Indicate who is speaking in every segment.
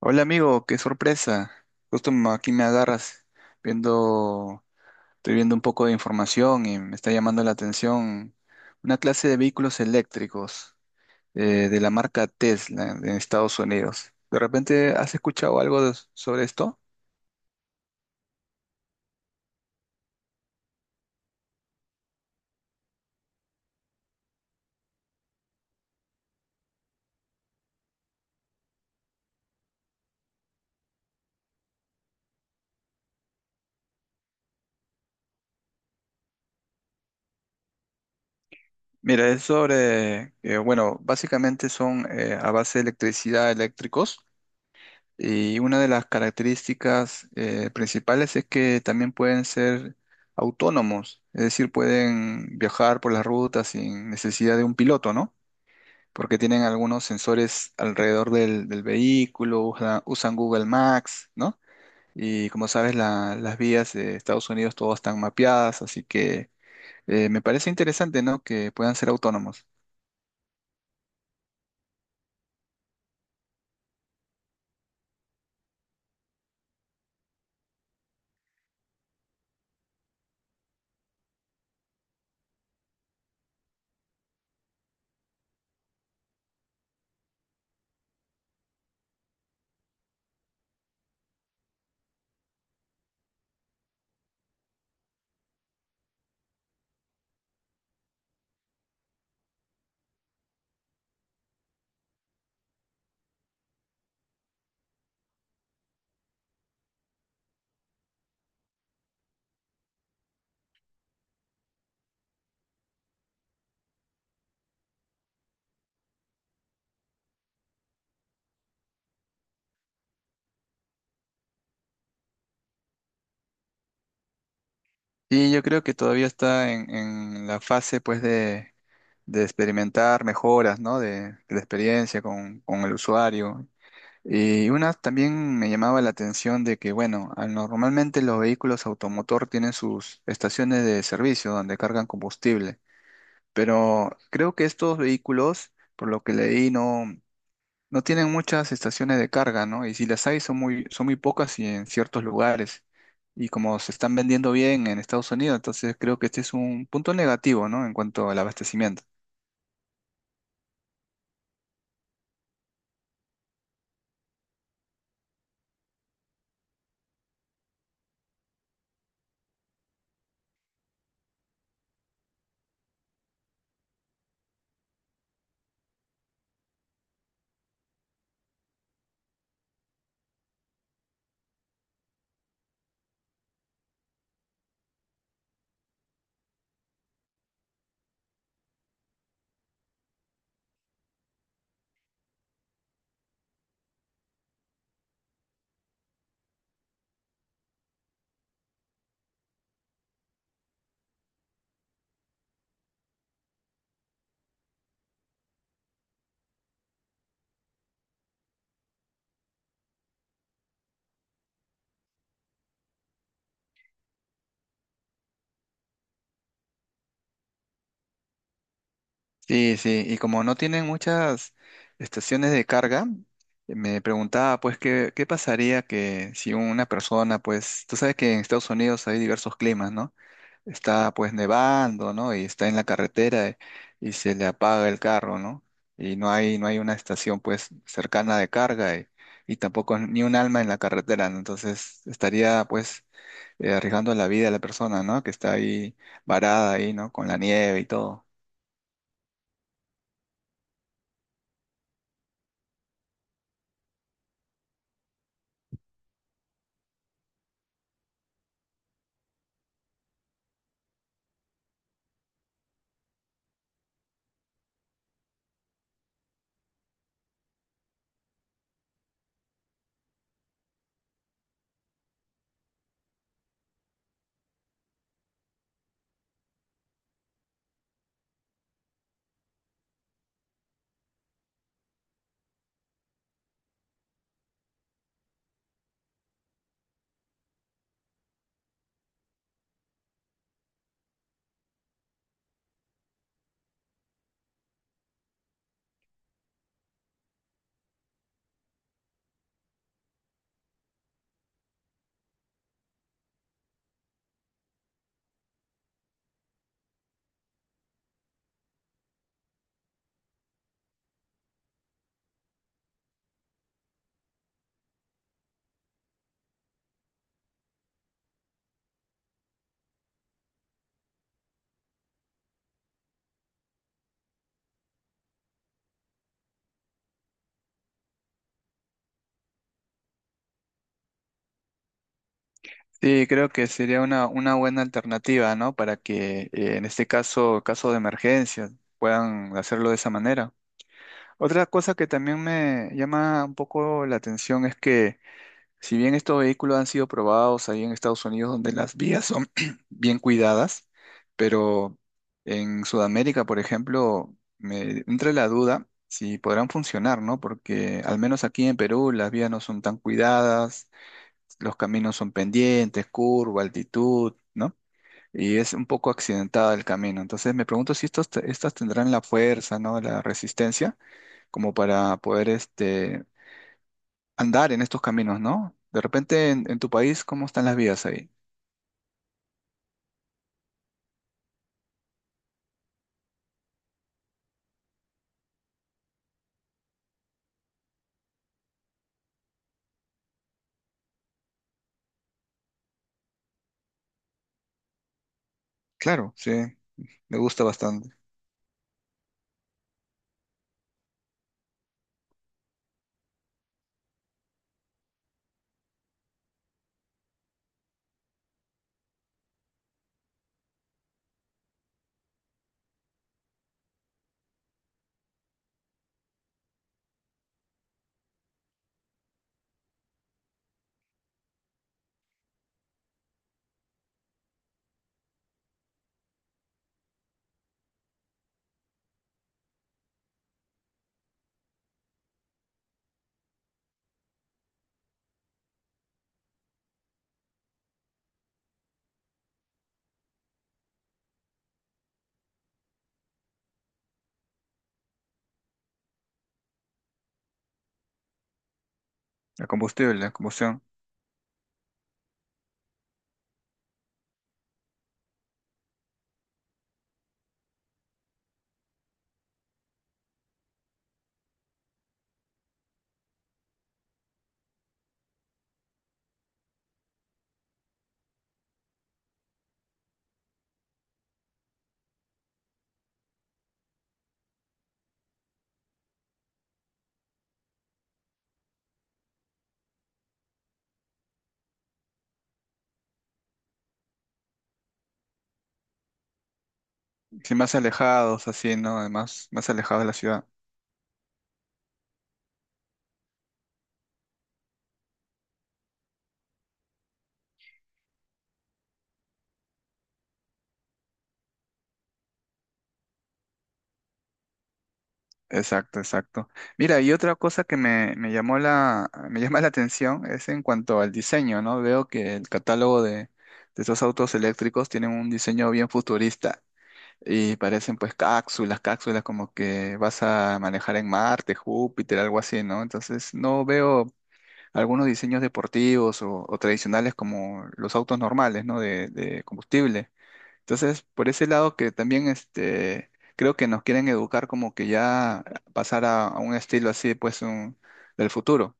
Speaker 1: Hola amigo, qué sorpresa. Aquí me agarras viendo, estoy viendo un poco de información y me está llamando la atención una clase de vehículos eléctricos de la marca Tesla en Estados Unidos. ¿De repente has escuchado sobre esto? Mira, es sobre, bueno, básicamente son a base de electricidad, eléctricos. Y una de las características principales es que también pueden ser autónomos, es decir, pueden viajar por las rutas sin necesidad de un piloto, ¿no? Porque tienen algunos sensores alrededor del vehículo, usan Google Maps, ¿no? Y como sabes, las vías de Estados Unidos todas están mapeadas, así que me parece interesante, ¿no? Que puedan ser autónomos. Y yo creo que todavía está en la fase, pues, de experimentar mejoras, ¿no? De la experiencia con el usuario. Y una también me llamaba la atención de que, bueno, normalmente los vehículos automotor tienen sus estaciones de servicio donde cargan combustible, pero creo que estos vehículos, por lo que leí, no tienen muchas estaciones de carga, ¿no? Y si las hay, son muy pocas y en ciertos lugares. Y como se están vendiendo bien en Estados Unidos, entonces creo que este es un punto negativo, ¿no? En cuanto al abastecimiento. Sí, sí, y como no tienen muchas estaciones de carga, me preguntaba pues qué pasaría que si una persona, pues, tú sabes que en Estados Unidos hay diversos climas, ¿no? Está pues nevando, ¿no? Y está en la carretera, y se le apaga el carro, ¿no? No hay una estación pues cercana de carga, y tampoco ni un alma en la carretera, ¿no? Entonces estaría pues arriesgando la vida de la persona, ¿no? Que está ahí varada ahí, ¿no? Con la nieve y todo. Sí, creo que sería una buena alternativa, ¿no? Para que en este caso, caso de emergencia, puedan hacerlo de esa manera. Otra cosa que también me llama un poco la atención es que si bien estos vehículos han sido probados ahí en Estados Unidos, donde las vías son bien cuidadas, pero en Sudamérica, por ejemplo, me entra la duda si podrán funcionar, ¿no? Porque al menos aquí en Perú las vías no son tan cuidadas, los caminos son pendientes, curva, altitud, ¿no? Y es un poco accidentada el camino. Entonces me pregunto si estas tendrán la fuerza, ¿no? La resistencia como para poder este, andar en estos caminos, ¿no? De repente en tu país, ¿cómo están las vías ahí? Claro, sí, me gusta bastante. La combustible, la combustión. Sí, más alejados, así, ¿no? Además, más alejados de la ciudad. Exacto, exacto. Mira, y otra cosa que me llamó me llama la atención es en cuanto al diseño, ¿no? Veo que el catálogo de estos autos eléctricos tienen un diseño bien futurista y parecen pues cápsulas, cápsulas como que vas a manejar en Marte, Júpiter, algo así, ¿no? Entonces no veo algunos diseños deportivos o tradicionales como los autos normales, ¿no? De combustible. Entonces, por ese lado que también este, creo que nos quieren educar como que ya pasar a un estilo así, pues, del futuro.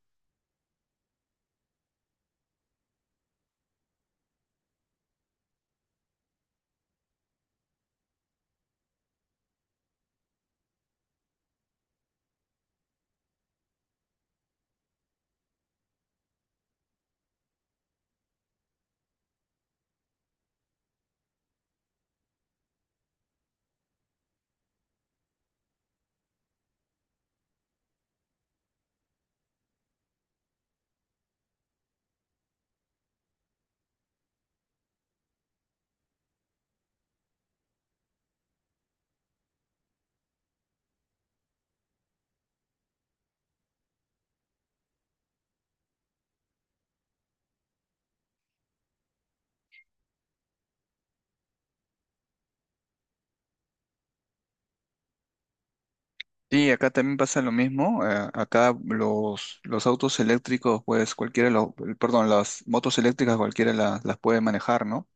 Speaker 1: Y acá también pasa lo mismo. Acá los autos eléctricos, pues cualquiera, perdón, las motos eléctricas cualquiera las puede manejar, ¿no?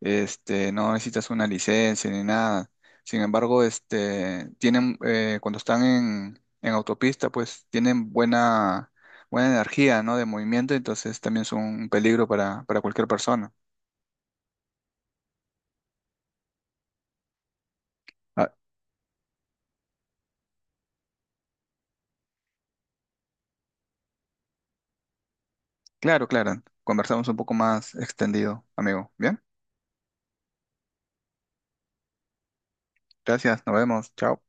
Speaker 1: Este, no necesitas una licencia ni nada. Sin embargo, este, tienen, cuando están en autopista, pues tienen buena energía, ¿no? De movimiento, entonces también son un peligro para cualquier persona. Ah, claro, claro. Conversamos un poco más extendido, amigo. Bien, gracias, nos vemos, chao.